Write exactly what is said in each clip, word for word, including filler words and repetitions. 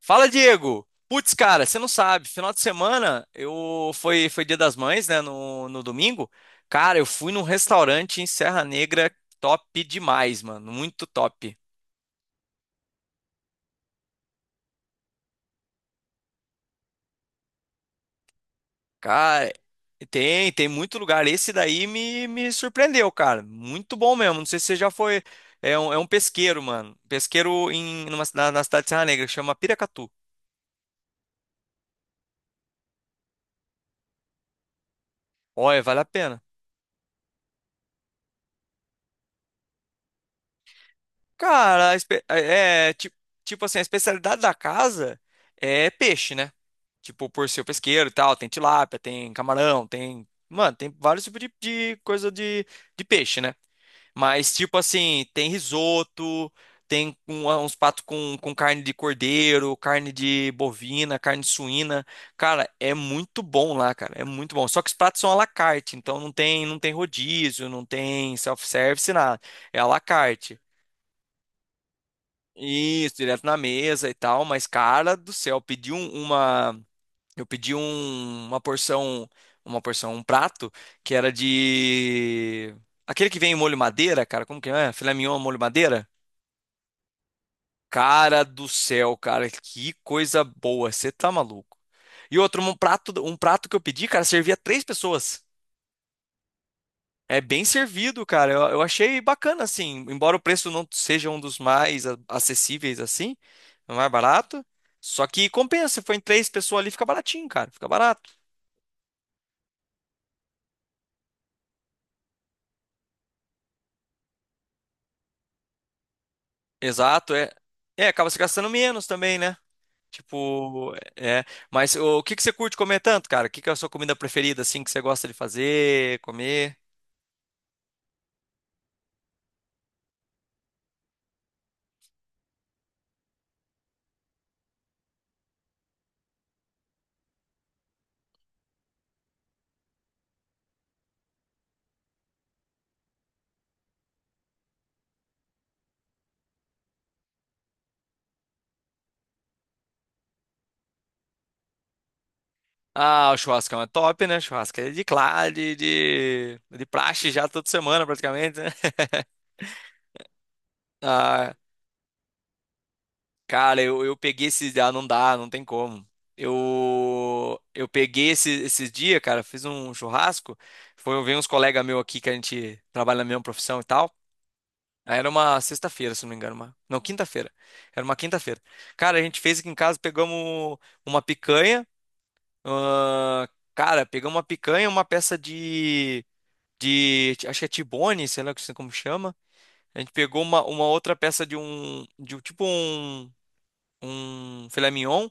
Fala, Diego! Putz, cara, você não sabe, final de semana eu foi foi Dia das Mães, né, no, no domingo. Cara, eu fui num restaurante em Serra Negra top demais, mano, muito top. Cara, tem tem muito lugar, esse daí me, me surpreendeu, cara. Muito bom mesmo. Não sei se você já foi, é um, é um pesqueiro, mano. Pesqueiro em numa, na, na cidade de Serra Negra, que chama Piracatu. Olha, vale a pena. Cara, a espe- é, ti- Tipo, assim, a especialidade da casa é peixe, né? Tipo, por ser pesqueiro e tal, tem tilápia, tem camarão, tem. Mano, tem vários tipos de, de coisa de, de peixe, né? Mas, tipo assim, tem risoto, tem um- uns pratos com, com carne de cordeiro, carne de bovina, carne suína. Cara, é muito bom lá, cara. É muito bom. Só que os pratos são à la carte, então não tem, não tem rodízio, não tem self-service, nada. É à la carte. Isso, direto na mesa e tal, mas cara do céu, eu pedi um- uma, eu pedi um- uma porção, uma porção, um prato que era de aquele que vem em molho madeira, cara, como que é? Filé mignon molho madeira? Cara do céu, cara, que coisa boa, você tá maluco. E outro, um prato, um prato que eu pedi, cara, servia três pessoas. É bem servido, cara. Eu, eu achei bacana, assim. Embora o preço não seja um dos mais a- acessíveis, assim, é mais barato. Só que compensa. Se for em três pessoas ali, fica baratinho, cara. Fica barato. Exato, é. É, acaba se gastando menos também, né? Tipo, é. Mas o, que que você curte comer tanto, cara? O que que é a sua comida preferida, assim, que você gosta de fazer, comer? Ah, o churrasco é uma top, né? Churrasco é de, clá- de, de, de praxe já toda semana, praticamente, né? Ah. Cara, eu, eu peguei esse Ah, não dá, não tem como. Eu, eu peguei esse, esses dias, cara, fiz um churrasco. Foi, veio uns colegas meus aqui que a gente trabalha na mesma profissão e tal. Aí era uma sexta-feira, se não me engano. Uma, não, quinta-feira. Era uma quinta-feira. Cara, a gente fez aqui em casa, pegamos uma picanha. Ah, cara, pegamos uma picanha, uma peça de, de. Acho que é tibone, sei lá como chama. A gente pegou uma, uma outra peça de um. De um- tipo um. Um filé mignon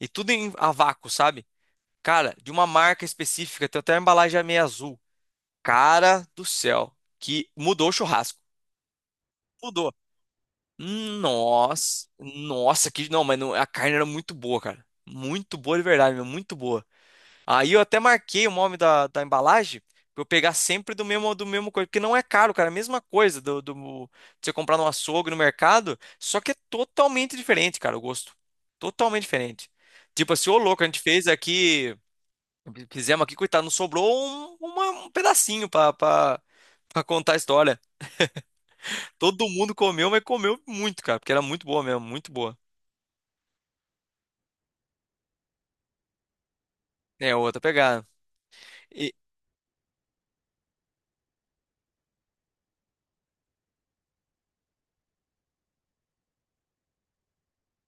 e tudo em a vácuo, sabe? Cara, de uma marca específica, tem até a embalagem meio azul. Cara do céu, que mudou o churrasco. Mudou. Nossa, nossa, que não, mas não- a carne era muito boa, cara. Muito boa de verdade, meu, muito boa. Aí eu até marquei o nome da, da embalagem pra eu pegar sempre do mesmo do mesmo coisa, porque não é caro, cara, é a mesma coisa do, do de você comprar no açougue, no mercado, só que é totalmente diferente, cara, o gosto. Totalmente diferente. Tipo assim, ô louco, a gente fez aqui. Fizemos aqui, coitado, não sobrou um, uma- um pedacinho pra, pra, pra contar a história. Todo mundo comeu, mas comeu muito, cara, porque era muito boa mesmo, muito boa. É, outra pegada. E,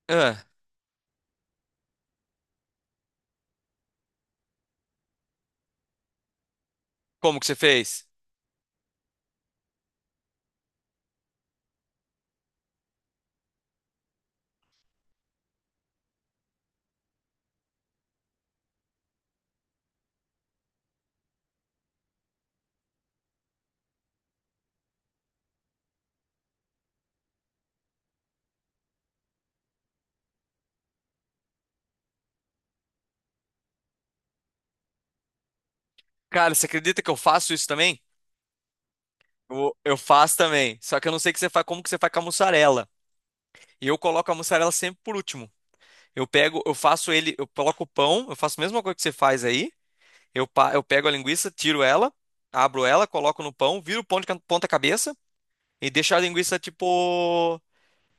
ah, como que você fez? Cara, você acredita que eu faço isso também? Eu, eu faço também, só que eu não sei que você faz, como que você faz com a mussarela. E eu coloco a mussarela sempre por último. Eu pego, eu faço ele, eu coloco o pão, eu faço a mesma coisa que você faz aí. Eu, pa- eu pego a linguiça, tiro ela, abro ela, coloco no pão, viro o pão de ca- ponta cabeça. E deixa a linguiça, tipo,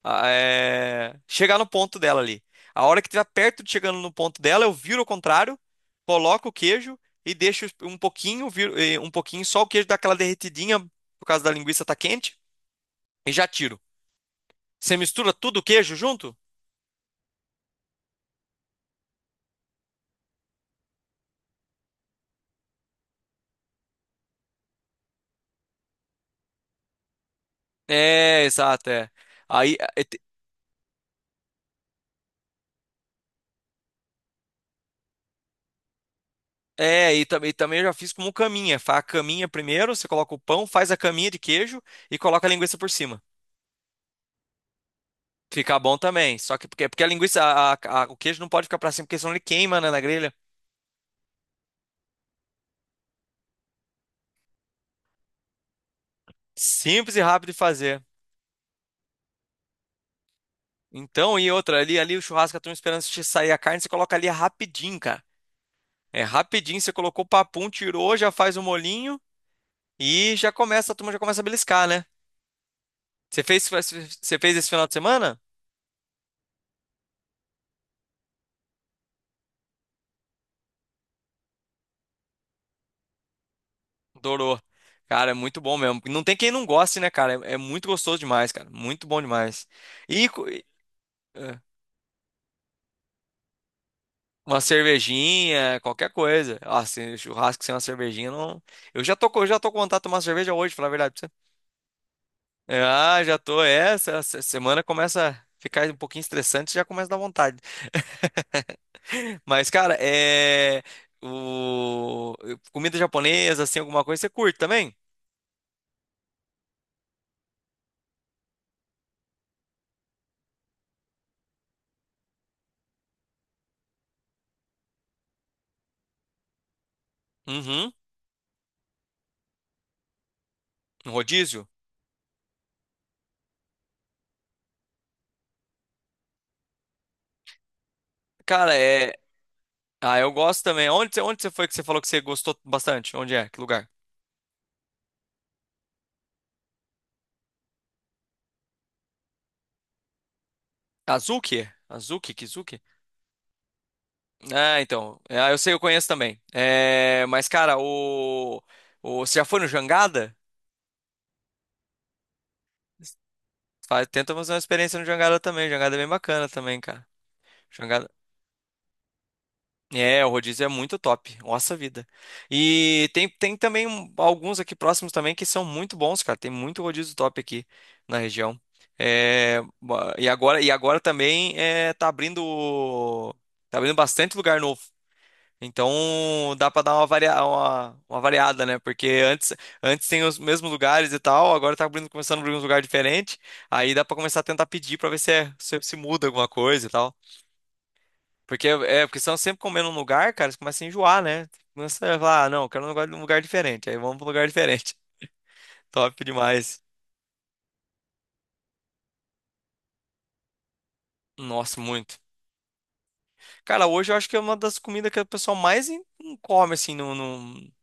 a- é, chegar no ponto dela ali. A hora que estiver perto de chegando no ponto dela, eu viro ao contrário, coloco o queijo e deixo um pouquinho, viro- eh, um pouquinho só o queijo dá aquela derretidinha por causa da linguiça tá quente e já tiro. Você mistura tudo o queijo junto? É, exato, é. Aí, é, te- é, e também, também eu já fiz como caminha. Faz a caminha primeiro, você coloca o pão, faz a caminha de queijo e coloca a linguiça por cima. Fica bom também. Só que porque, porque a linguiça, a- a- a- o queijo não pode ficar pra cima, porque senão ele queima, né, na grelha. Simples e rápido de fazer. Então, e outra, ali, ali o churrasco, a turma esperando se sair a carne, você coloca ali rapidinho, cara. É rapidinho, você colocou o papum, tirou, já faz o molinho e já começa, a turma já começa a beliscar, né? Você fez, você fez esse final de semana? Adorou. Cara, é muito bom mesmo. Não tem quem não goste, né, cara? É, é muito gostoso demais, cara. Muito bom demais. E, co- Uma cervejinha, qualquer coisa. Ah, se churrasco sem uma cervejinha, não. Eu já tô, co- eu já tô com vontade de tomar cerveja hoje, pra falar a verdade pra você. Ah, já tô. É, essa essa semana começa a ficar um pouquinho estressante, já começa a dar vontade. Mas, cara, é. O... Comida japonesa, assim, alguma coisa, você curte também? Uhum. Um rodízio? Cara, é. Ah, eu gosto também. Onde, você- onde você foi que você falou que você gostou bastante? Onde é? Que lugar? Azuki? Azuki? Kizuki? Ah, então. É, ah, eu sei, eu conheço também. É, mas, cara, o, o. Você já foi no Jangada? Faz- tenta fazer uma experiência no Jangada também. Jangada é bem bacana também, cara. Jangada. É, o rodízio é muito top. Nossa vida. E tem, tem também um- alguns aqui próximos também que são muito bons, cara. Tem muito rodízio top aqui na região. É, ba- e agora, e agora também é, tá abrindo. Tá abrindo bastante lugar novo. Então dá pra dar uma, varia uma, uma variada, né? Porque antes, antes tem os mesmos lugares e tal, agora tá abrindo, começando a abrir uns lugares diferentes. Aí dá pra começar a tentar pedir pra ver se, é- se, se muda alguma coisa e tal. Porque é, porque senão sempre comendo um lugar, cara, você começa a enjoar, né? Começa a falar, ah, não, quero um lugar, um lugar diferente. Aí vamos pra um lugar diferente. Top demais. Nossa, muito. Cara, hoje eu acho que é uma das comidas que o pessoal mais em- come, assim, no,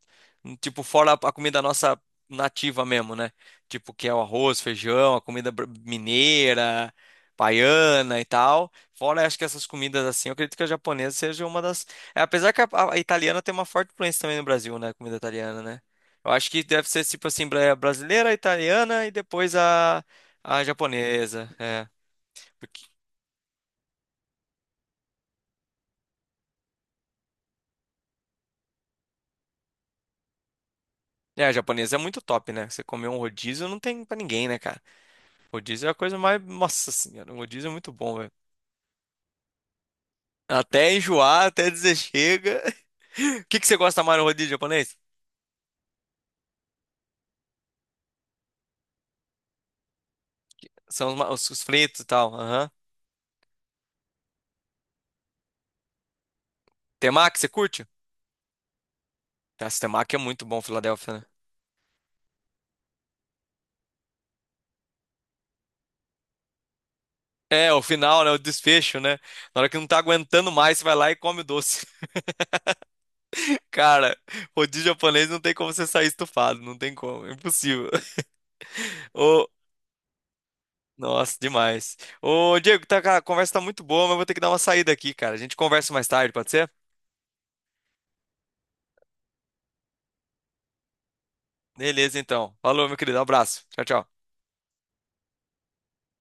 tipo, fora a a comida nossa nativa mesmo, né? Tipo, que é o arroz, feijão, a comida br- mineira, baiana e tal. Fora, acho que essas comidas assim, eu acredito que a japonesa seja uma das. É, apesar que a, a a italiana tem uma forte influência também no Brasil, né? A comida italiana, né? Eu acho que deve ser tipo assim, bra- brasileira, italiana e depois a, a japonesa. É. Porque é, a japonesa é muito top, né? Você comer um rodízio não tem pra ninguém, né, cara? Rodízio é a coisa mais. Nossa senhora, o rodízio é muito bom, velho. Até enjoar, até dizer chega. O que que você gosta mais no rodízio japonês? São os, ma- os- os fritos e tal. Aham. Temaki, você curte? Essa temaki é muito bom, Filadélfia, né? É, o final, né? O desfecho, né? Na hora que não tá aguentando mais, você vai lá e come o doce. Cara, rodízio japonês não tem como você sair estufado. Não tem como. É impossível. Ô, nossa, demais. Ô, Diego, tá, cara, a conversa tá muito boa, mas eu vou ter que dar uma saída aqui, cara. A gente conversa mais tarde, pode ser? Beleza, então. Falou, meu querido. Um abraço. Tchau, tchau.